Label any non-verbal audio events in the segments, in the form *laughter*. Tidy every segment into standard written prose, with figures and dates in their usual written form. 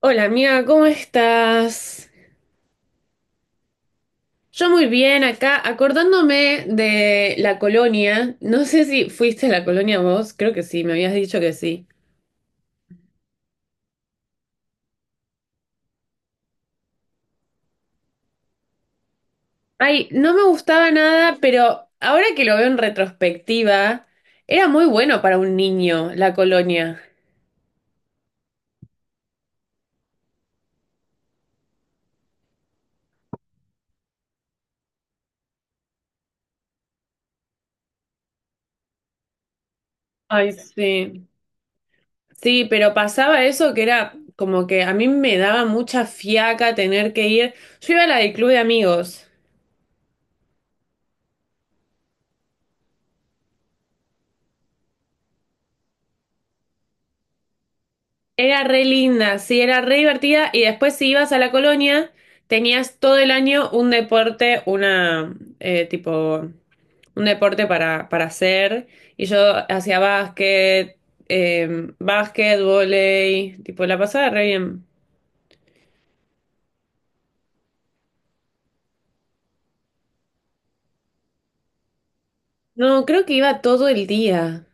Hola amiga, ¿cómo estás? Yo muy bien acá, acordándome de la colonia. No sé si fuiste a la colonia vos, creo que sí, me habías dicho que sí. Ay, no me gustaba nada, pero ahora que lo veo en retrospectiva, era muy bueno para un niño la colonia. Ay, sí. Sí, pero pasaba eso que era como que a mí me daba mucha fiaca tener que ir. Yo iba a la del club de amigos. Era re linda, sí, era re divertida y después si ibas a la colonia tenías todo el año un deporte, una tipo un deporte para hacer y yo hacía básquet, básquet, vóley, tipo la pasaba re bien. No, creo que iba todo el día.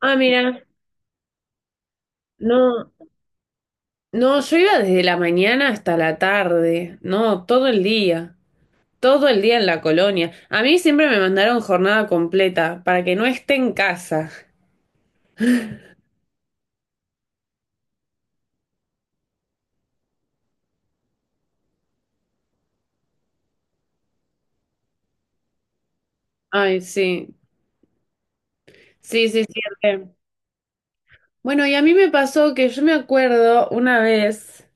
Ah, mira, no, no, yo iba desde la mañana hasta la tarde, no, todo el día. Todo el día en la colonia. A mí siempre me mandaron jornada completa para que no esté en casa. Ay, sí. Sí, sí, sí. Re. Bueno, y a mí me pasó que yo me acuerdo una vez.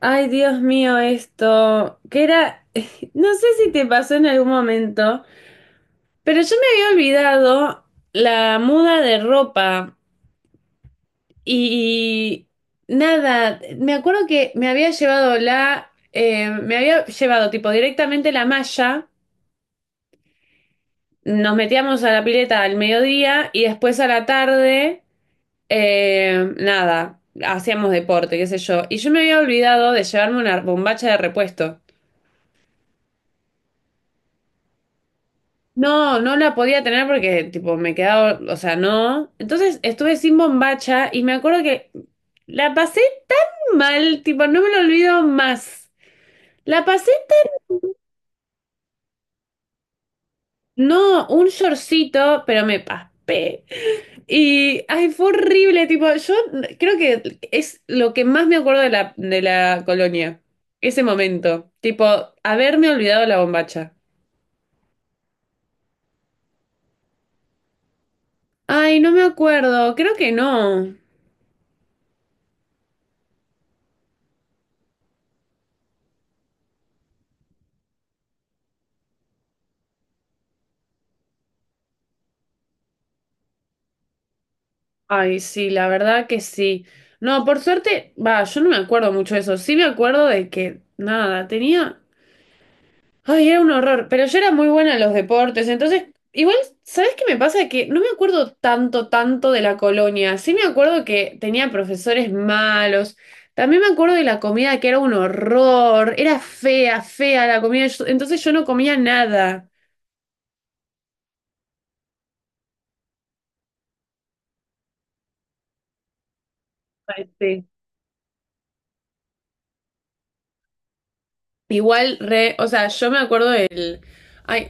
Ay, Dios mío, esto. Que era. *laughs* No sé si te pasó en algún momento, pero yo me había olvidado la muda de ropa. Y. Nada. Me acuerdo que me había llevado la. Me había llevado, tipo, directamente la malla. Nos metíamos a la pileta al mediodía y después a la tarde, nada, hacíamos deporte, qué sé yo. Y yo me había olvidado de llevarme una bombacha de repuesto. No, no la podía tener porque, tipo, me quedaba, o sea, no. Entonces estuve sin bombacha y me acuerdo que la pasé tan mal, tipo, no me lo olvido más. La pasé, tan- no, un shortcito, pero me paspé. Y, ay, fue horrible, tipo, yo creo que es lo que más me acuerdo de la colonia, ese momento, tipo, haberme olvidado la bombacha. Ay, no me acuerdo, creo que no. Ay, sí, la verdad que sí. No, por suerte, va, yo no me acuerdo mucho de eso, sí me acuerdo de que, nada, tenía... Ay, era un horror, pero yo era muy buena en los deportes, entonces, igual, ¿sabes qué me pasa? Que no me acuerdo tanto, tanto de la colonia, sí me acuerdo que tenía profesores malos, también me acuerdo de la comida que era un horror, era fea, fea la comida, entonces yo no comía nada. Ay, sí. Igual, re, o sea, yo me acuerdo del... Ay,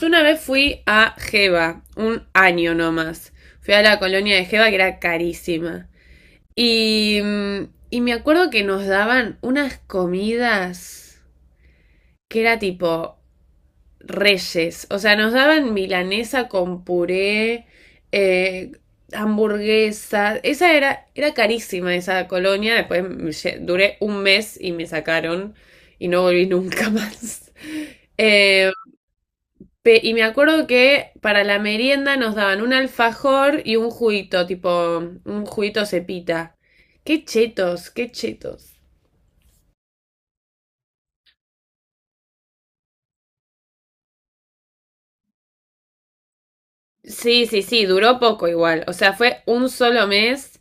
yo una vez fui a Geva, un año nomás, fui a la colonia de Geva que era carísima. Y, mm, y me acuerdo que nos daban unas comidas que era tipo reyes. O sea, nos daban milanesa con puré, eh, hamburguesas. Era carísima esa colonia. Después me duré un mes y me sacaron y no volví *laughs* nunca más. Eh, y me acuerdo que para la merienda nos daban un alfajor y un juguito, tipo un juguito cepita. Qué chetos, qué chetos. Sí, sí, sí, duró poco igual. O sea, fue un solo mes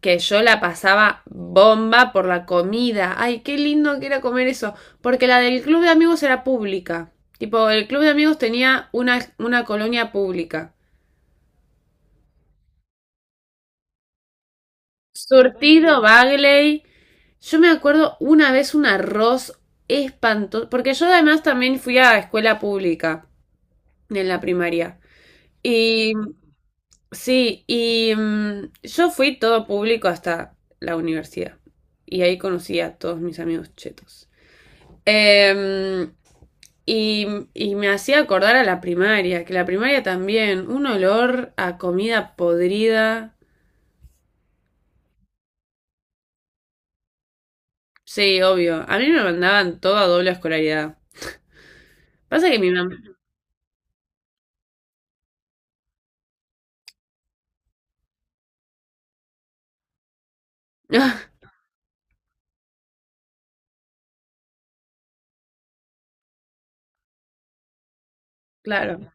que yo la pasaba bomba por la comida. Ay, qué lindo que era comer eso. Porque la del club de amigos era pública. Tipo, el club de amigos tenía una colonia pública. Surtido, Bagley. Yo me acuerdo una vez un arroz espantoso, porque yo además también fui a escuela pública en la primaria. Y sí, yo fui todo público hasta la universidad. Y ahí conocí a todos mis amigos chetos. Em, y, y me hacía acordar a la primaria, que la primaria también, un olor a comida podrida. Sí, obvio. A mí me mandaban todo a doble escolaridad. Pasa que mi mamá... *laughs* Claro.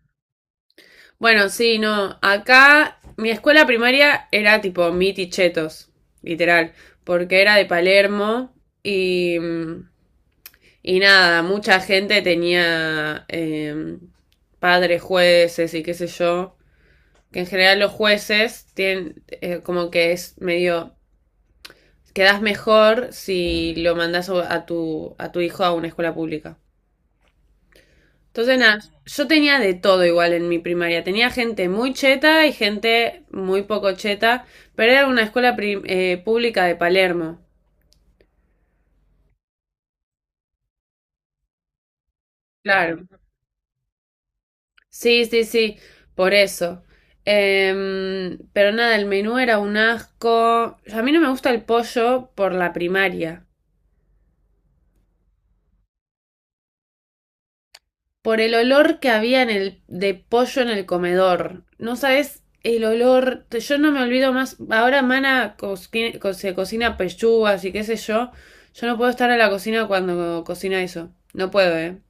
Bueno, sí, no. Acá mi escuela primaria era tipo mitichetos literal, porque era de Palermo y, y nada, mucha gente tenía padres jueces y qué sé yo, que en general los jueces tienen como que es medio, quedás mejor si lo mandás a tu hijo a una escuela pública. Entonces, nada, yo tenía de todo igual en mi primaria. Tenía gente muy cheta y gente muy poco cheta, pero era una pública de Palermo. Claro. Sí, sí, sí, por eso. Em, pero nada, el menú era un asco. A mí no me gusta el pollo por la primaria. Por el olor que había en el, de pollo en el comedor. No sabes el olor. Yo no me olvido más. Ahora Mana se cocina pechugas y qué sé yo. Yo no puedo estar a la cocina cuando cocina eso. No puedo, ¿eh?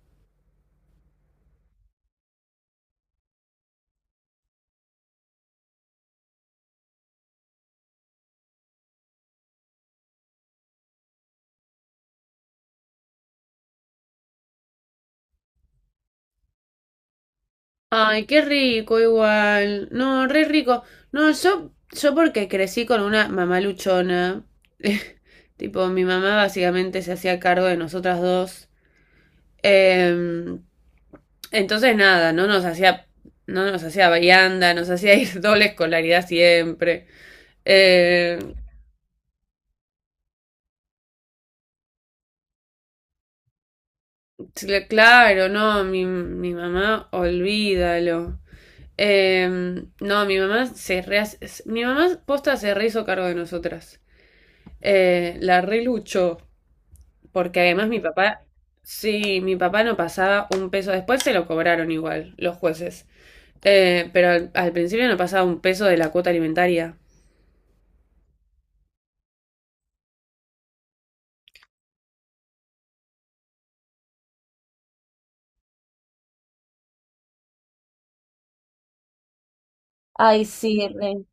Ay, qué rico igual. No, re rico. No, yo porque crecí con una mamá luchona. *laughs* Tipo, mi mamá básicamente se hacía cargo de nosotras dos. Em, Entonces nada, no nos hacía vianda, nos hacía ir *laughs* doble escolaridad siempre. Eh, claro, no, mi mamá, olvídalo. Eh, no, mi mamá posta se re hizo cargo de nosotras. La reluchó, porque además mi papá, sí, mi papá no pasaba un peso, después se lo cobraron igual los jueces. Pero al principio no pasaba un peso de la cuota alimentaria. Ay, sí, re.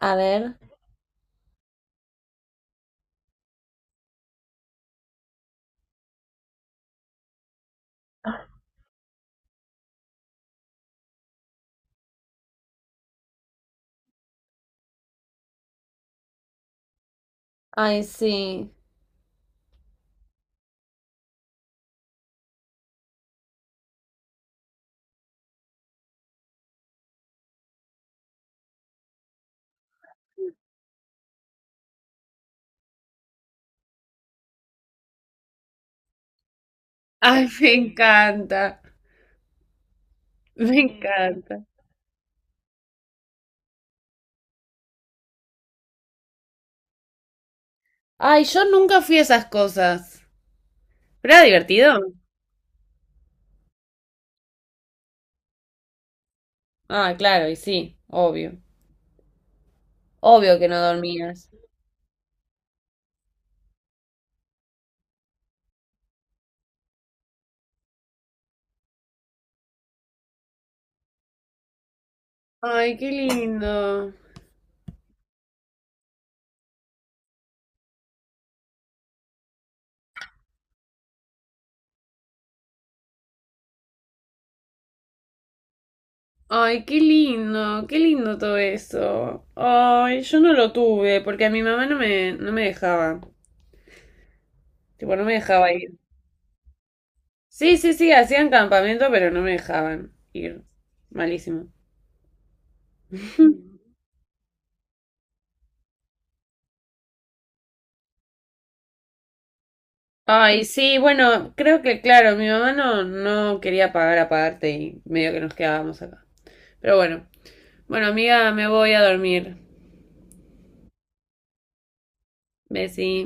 A ver. Ay. Ay, me encanta, me encanta. Ay, yo nunca fui a esas cosas. ¿Pero era divertido? Ah, claro, y sí, obvio. Obvio que no dormías. Ay, qué lindo. Ay, qué lindo todo eso. Ay, yo no lo tuve porque a mi mamá no me dejaba. Tipo, no me dejaba ir. Sí, sí, sí, hacían campamento, pero no me dejaban ir. Malísimo. Ay, sí, bueno, creo que claro, mi mamá no quería pagar aparte y medio que nos quedábamos acá. Pero bueno, bueno, amiga, me voy a dormir. Besí